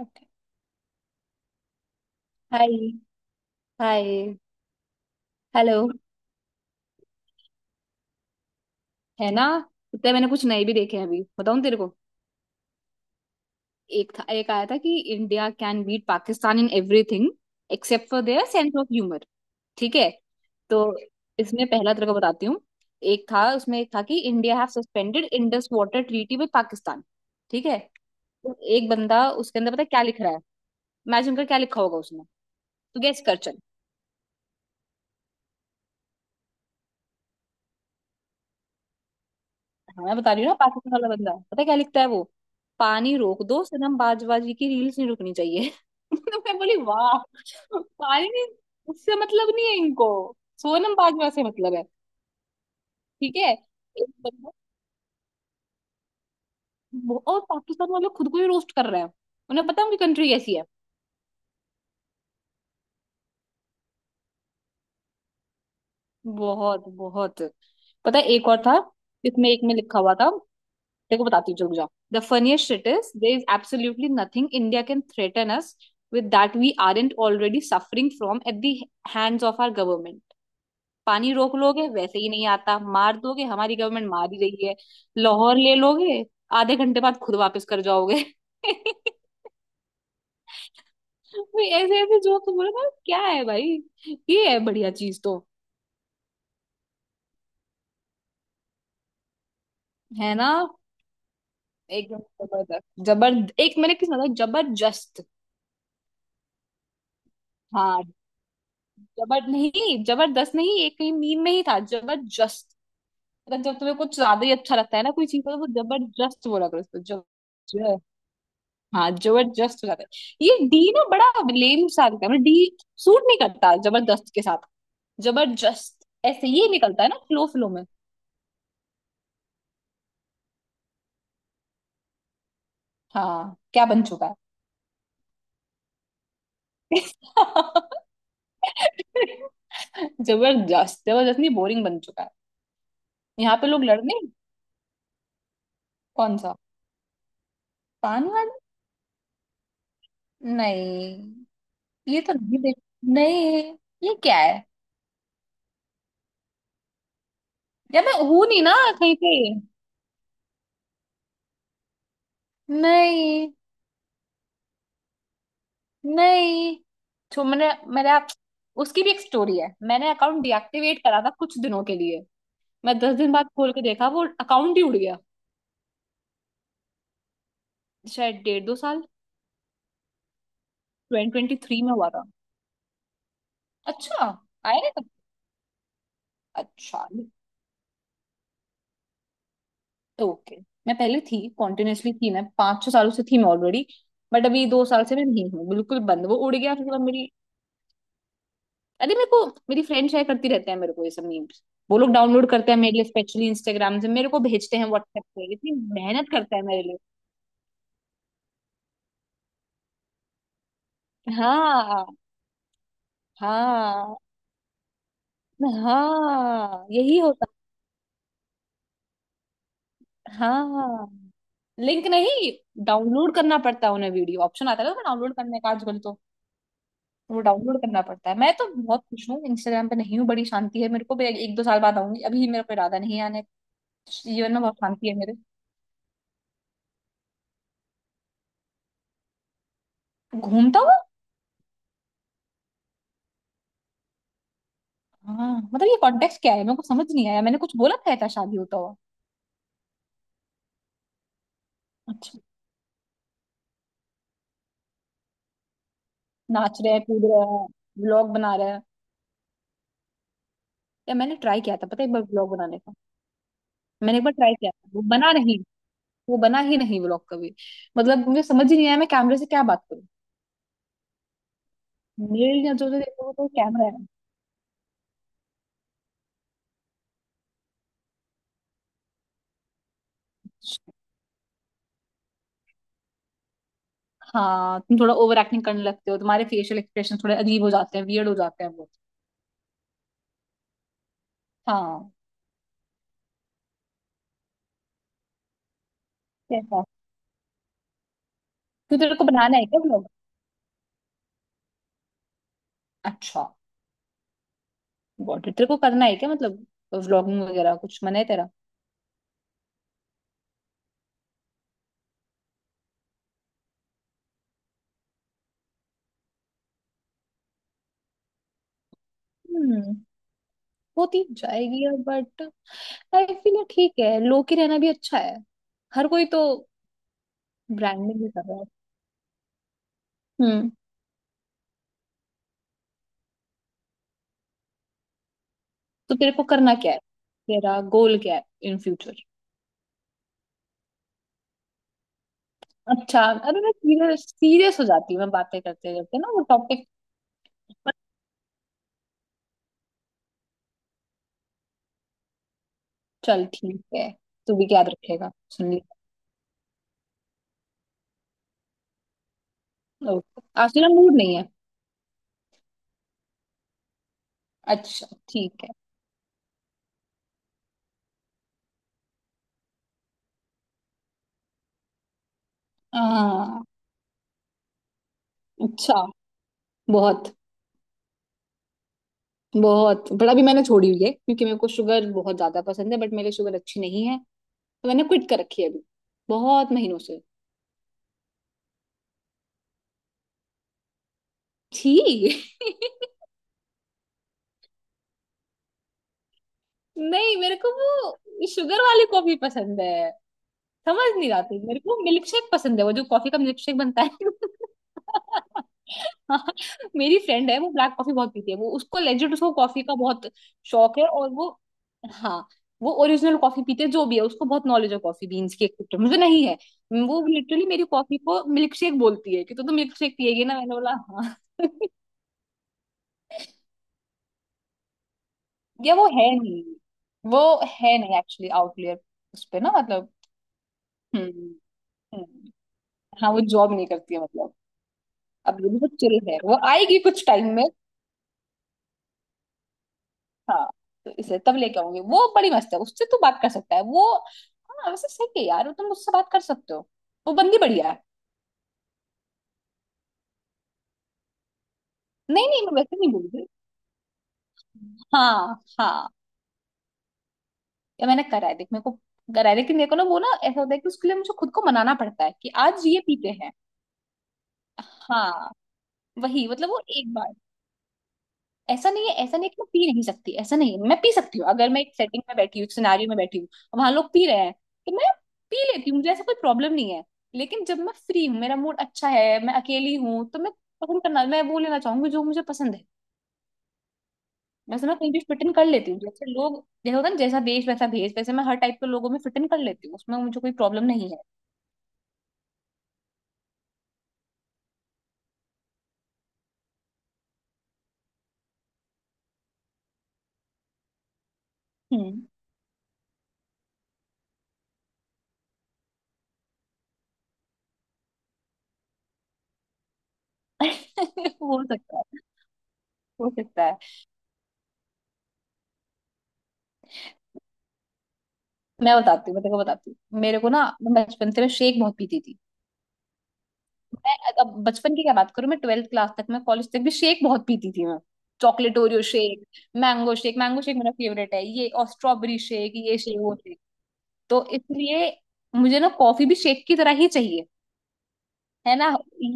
Okay. Hi hi. Hello. है ना। इतने मैंने कुछ नए भी देखे हैं, अभी बताऊं तेरे को। एक था, एक आया था कि India can beat Pakistan in everything except for their sense of humour. ठीक है। तो इसमें पहला तेरे को बताती हूँ। एक था, उसमें एक था कि India have suspended Indus water treaty with Pakistan. ठीक है। तो एक बंदा उसके अंदर पता है क्या लिख रहा है। इमेजिन कर क्या लिखा होगा उसने। तू गेस कर चल। हाँ मैं बता रही हूँ ना, पाकिस्तान वाला बंदा पता है क्या लिखता है वो। पानी रोक दो सनम, बाजवाजी की रील्स नहीं रुकनी चाहिए। तो मैं बोली वाह। पानी नहीं, उससे मतलब नहीं है इनको। सोनम बाजवा से मतलब है। ठीक है। एक बंदा और पाकिस्तान वाले खुद को ही रोस्ट कर रहे हैं। उन्हें पता है उनकी कंट्री कैसी है। बहुत बहुत। पता है एक और था। इसमें एक में लिखा हुआ था, देखो बताती हूँ, रुक जाओ। The funniest shit is, there is absolutely nothing India can threaten us with that we aren't already suffering from at the hands of our government. पानी रोक लोगे, वैसे ही नहीं आता। मार दोगे, हमारी गवर्नमेंट मार ही रही है। लाहौर ले लोगे, आधे घंटे बाद खुद वापस कर जाओगे। भाई ऐसे ऐसे जोक्स बोले ना, क्या है भाई। ये है बढ़िया चीज तो। है ना। एकदम जबरदस्त जबर एक मैंने किस, मतलब जबरदस्त। हाँ जबर नहीं, जबरदस्त। नहीं एक कहीं मीम में ही था जबरदस्त। मतलब जब तुम्हें कुछ ज्यादा ही अच्छा लगता है ना कोई चीज को, तो वो जबरदस्त बोला करो उसको। ज- हाँ जबरदस्त हो जाता है। ये डी ना बड़ा लेम सा लगता है, मतलब डी सूट नहीं करता जबरदस्त के साथ। जबरदस्त ऐसे ये निकलता है ना, फ्लो फ्लो में। हाँ क्या बन चुका है। जबरदस्त, जबरदस्त नहीं, बोरिंग बन चुका है। यहाँ पे लोग लड़ने। कौन सा। पान वाला। नहीं ये तो नहीं देख। नहीं, ये क्या है। यार मैं हूं नहीं ना कहीं पे। नहीं। नहीं तो मैंने मेरा, उसकी भी एक स्टोरी है। मैंने अकाउंट डीएक्टिवेट करा था कुछ दिनों के लिए। मैं 10 दिन बाद खोल के देखा, वो अकाउंट ही उड़ गया। शायद डेढ़ दो साल। 2023 में हुआ था। अच्छा आया नहीं तब। अच्छा। तो ओके। मैं पहले थी, कॉन्टिन्यूअसली थी, मैं पाँच छह सालों से थी मैं ऑलरेडी। बट अभी 2 साल से मैं नहीं हूँ, बिल्कुल बंद। वो उड़ गया फिर मेरी। अरे मेरे को मेरी फ्रेंड शेयर करती रहते हैं मेरे को ये सब मीम्स। वो लोग डाउनलोड करते हैं मेरे लिए, स्पेशली इंस्टाग्राम से मेरे को भेजते हैं व्हाट्सएप पे। इतनी मेहनत करता है मेरे लिए। हाँ। हाँ हाँ यही होता। हाँ लिंक नहीं, डाउनलोड करना पड़ता है उन्हें। वीडियो ऑप्शन आता है ना डाउनलोड करने का आजकल तो। वो डाउनलोड करना पड़ता है। मैं तो बहुत खुश हूँ इंस्टाग्राम पे नहीं हूँ, बड़ी शांति है। मेरे को भी एक दो साल बाद आऊंगी, अभी मेरा कोई इरादा नहीं है आने का। जीवन में बहुत शांति है मेरे। घूमता हूँ। हाँ मतलब ये कॉन्टेक्स्ट क्या है मेरे को समझ नहीं आया, मैंने कुछ बोला था ऐसा शादी होता हुआ। अच्छा। नाच रहे हैं, कूद रहे हैं, व्लॉग बना रहे हैं। या मैंने ट्राई किया था, पता है, एक बार व्लॉग बनाने का। मैंने एक बार ट्राई किया था, वो बना नहीं। वो बना ही नहीं व्लॉग कभी। मतलब मुझे समझ ही नहीं आया मैं कैमरे से क्या बात करूँ। मेल या जो जो देखो वो तो कैमरा है। हाँ तुम थोड़ा ओवर एक्टिंग करने लगते हो, तुम्हारे फेशियल एक्सप्रेशन थोड़े अजीब हो जाते हैं, वियर्ड हो जाते हैं वो। हाँ। कैसा। क्यों तेरे को बनाना है क्या व्लॉग। अच्छा। Got it. तेरे को करना है क्या मतलब, व्लॉगिंग वगैरह कुछ मन है तेरा। हम्म। होती जाएगी अब, बट आई फील ठीक है, लो की रहना भी अच्छा है। हर कोई तो ब्रांडिंग भी कर रहा है। हम्म। तो तेरे को करना क्या है, तेरा गोल क्या है इन फ्यूचर। अच्छा। अरे मैं सीरियस सीरियस हो जाती हूँ, मैं बातें करते करते ना वो टॉपिक पर। चल ठीक है। तू भी याद रखेगा, सुन लिया। ओके आज तेरा मूड नहीं है। अच्छा। ठीक है। हाँ। अच्छा। बहुत। बहुत बड़ा भी मैंने छोड़ी हुई है क्योंकि मेरे को शुगर बहुत ज्यादा पसंद है, बट मेरे शुगर अच्छी नहीं है। तो मैंने क्विट कर रखी है अभी, बहुत महीनों से। छी। नहीं मेरे को वो शुगर वाली कॉफी पसंद है। समझ नहीं आती मेरे को, मिल्क शेक पसंद है, वो जो कॉफी का मिल्क शेक बनता है। हाँ, मेरी फ्रेंड है, वो ब्लैक कॉफी बहुत पीती है। वो उसको लेजिट उसको कॉफी का बहुत शौक है और वो। हाँ वो ओरिजिनल कॉफी पीते हैं, जो भी है उसको बहुत नॉलेज है कॉफी बीन्स की, एक्सेप्ट मुझे नहीं है। वो लिटरली मेरी कॉफी को मिल्क शेक बोलती है कि तो मिल्क शेक पिएगी ना, मैंने बोला हाँ। ये वो है नहीं, वो है नहीं एक्चुअली। आउटलेयर उस पे ना, मतलब। हम्म हम्म, हाँ वो जॉब नहीं करती है मतलब। अब ये बहुत चिल है, वो आएगी कुछ टाइम में। हाँ तो इसे तब लेके आऊंगी, वो बड़ी मस्त है, उससे तू बात कर सकता है वो। हाँ वैसे सही है यार, तुम उससे बात कर सकते हो, वो बंदी बढ़िया है। नहीं नहीं, मैं वैसे नहीं बोल रही। हाँ हाँ। ये मैंने करा है, देख मेरे को करा है, लेकिन मेरे को ना वो ना ऐसा होता है कि उसके लिए मुझे खुद को मनाना पड़ता है कि आज ये पीते हैं। हाँ वही मतलब वो एक बार। ऐसा नहीं है, ऐसा नहीं है कि मैं पी नहीं सकती, ऐसा नहीं है, मैं पी सकती हूँ अगर मैं एक सेटिंग में बैठी हूँ, एक सिनारियो में बैठी हूँ और वहां लोग पी रहे हैं तो मैं पी लेती हूँ, मुझे ऐसा कोई प्रॉब्लम नहीं है। लेकिन जब मैं फ्री हूँ, मेरा मूड अच्छा है, मैं अकेली हूँ, तो मैं पसंद करना, मैं वो लेना चाहूंगी जो मुझे पसंद है। वैसे मैं कहीं भी फिट इन कर लेती हूँ, जैसे लोग, जैसे होता है ना, जैसा देश वैसा भेष, वैसे मैं हर टाइप के लोगों में फिट इन कर लेती हूँ, उसमें मुझे कोई प्रॉब्लम नहीं है। हम्म। हो सकता है। हो सकता है। मैं बताती हूँ, मैं तेरे को बताती हूँ, मेरे को ना, मैं बचपन से मैं शेक बहुत पीती थी मैं। अब बचपन की क्या बात करूं, मैं ट्वेल्थ क्लास तक, मैं कॉलेज तक भी शेक बहुत पीती थी मैं। Chocolate Oreo shake, mango shake, mango shake मेरा फेवरेट है ये, और स्ट्रॉबेरी शेक, ये शेक वो शेक। तो इसलिए मुझे ना कॉफी भी शेक की तरह ही चाहिए। है ना।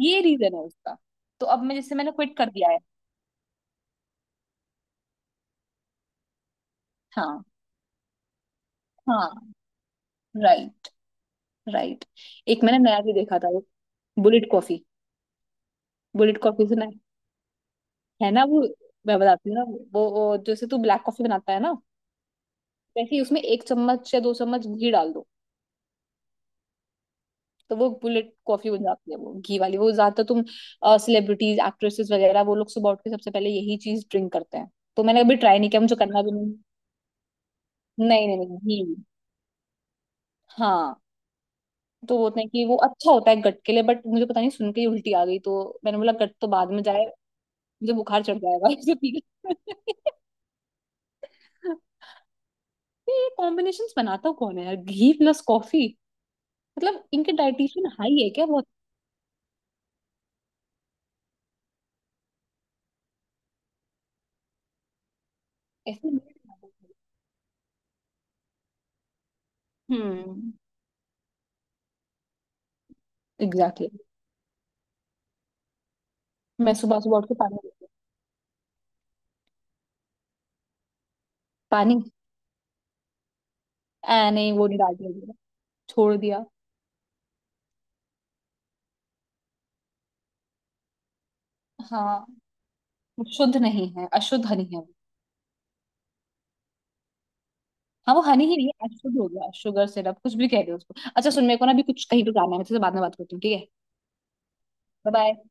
ये रीजन है उसका। तो अब मैं, जैसे मैंने क्विट कर दिया है। हाँ हाँ। Right right. एक मैंने नया भी देखा था वो, बुलेट कॉफी। बुलेट कॉफी सुना है ना वो। मैं बताती हूँ ना वो जैसे तू ब्लैक कॉफी बनाता है ना, वैसे ही उसमें 1 चम्मच या 2 चम्मच घी डाल दो। तो वो बुलेट कॉफी बन जाती है, वो घी वाली। वो ज्यादातर तुम सेलिब्रिटीज, एक्ट्रेसेस वगैरह, वो लोग सुबह उठ के सबसे पहले यही चीज ड्रिंक करते हैं। तो मैंने कभी ट्राई नहीं किया, मुझे करना भी नहीं। नहीं नहीं नहीं, घी, हाँ। तो वो होता है कि वो अच्छा होता है गट के लिए, बट मुझे पता नहीं सुन के ही उल्टी आ गई, तो मैंने बोला गट तो बाद में जाए, मुझे बुखार चढ़ जाएगा। इसे पी के। ये कॉम्बिनेशन बनाता कौन है यार, घी प्लस कॉफी, मतलब इनके डाइटिशियन हाई है क्या बहुत। ऐसे नहीं बनाते। हम्म। एग्जैक्टली। मैं सुबह सुबह उठ के पानी। पानी। ऐ नहीं, वो नहीं डाल दिया, छोड़ दिया। हाँ वो शुद्ध नहीं है, अशुद्ध हनी है वो। हाँ वो हनी ही नहीं है, अशुद्ध हो गया, शुगर सिरप, कुछ भी कह दे उसको। अच्छा सुन, मेरे को ना अभी कुछ कहीं पे जाना है, मैं तुझसे बाद में बात करती हूँ, ठीक है। Bye bye.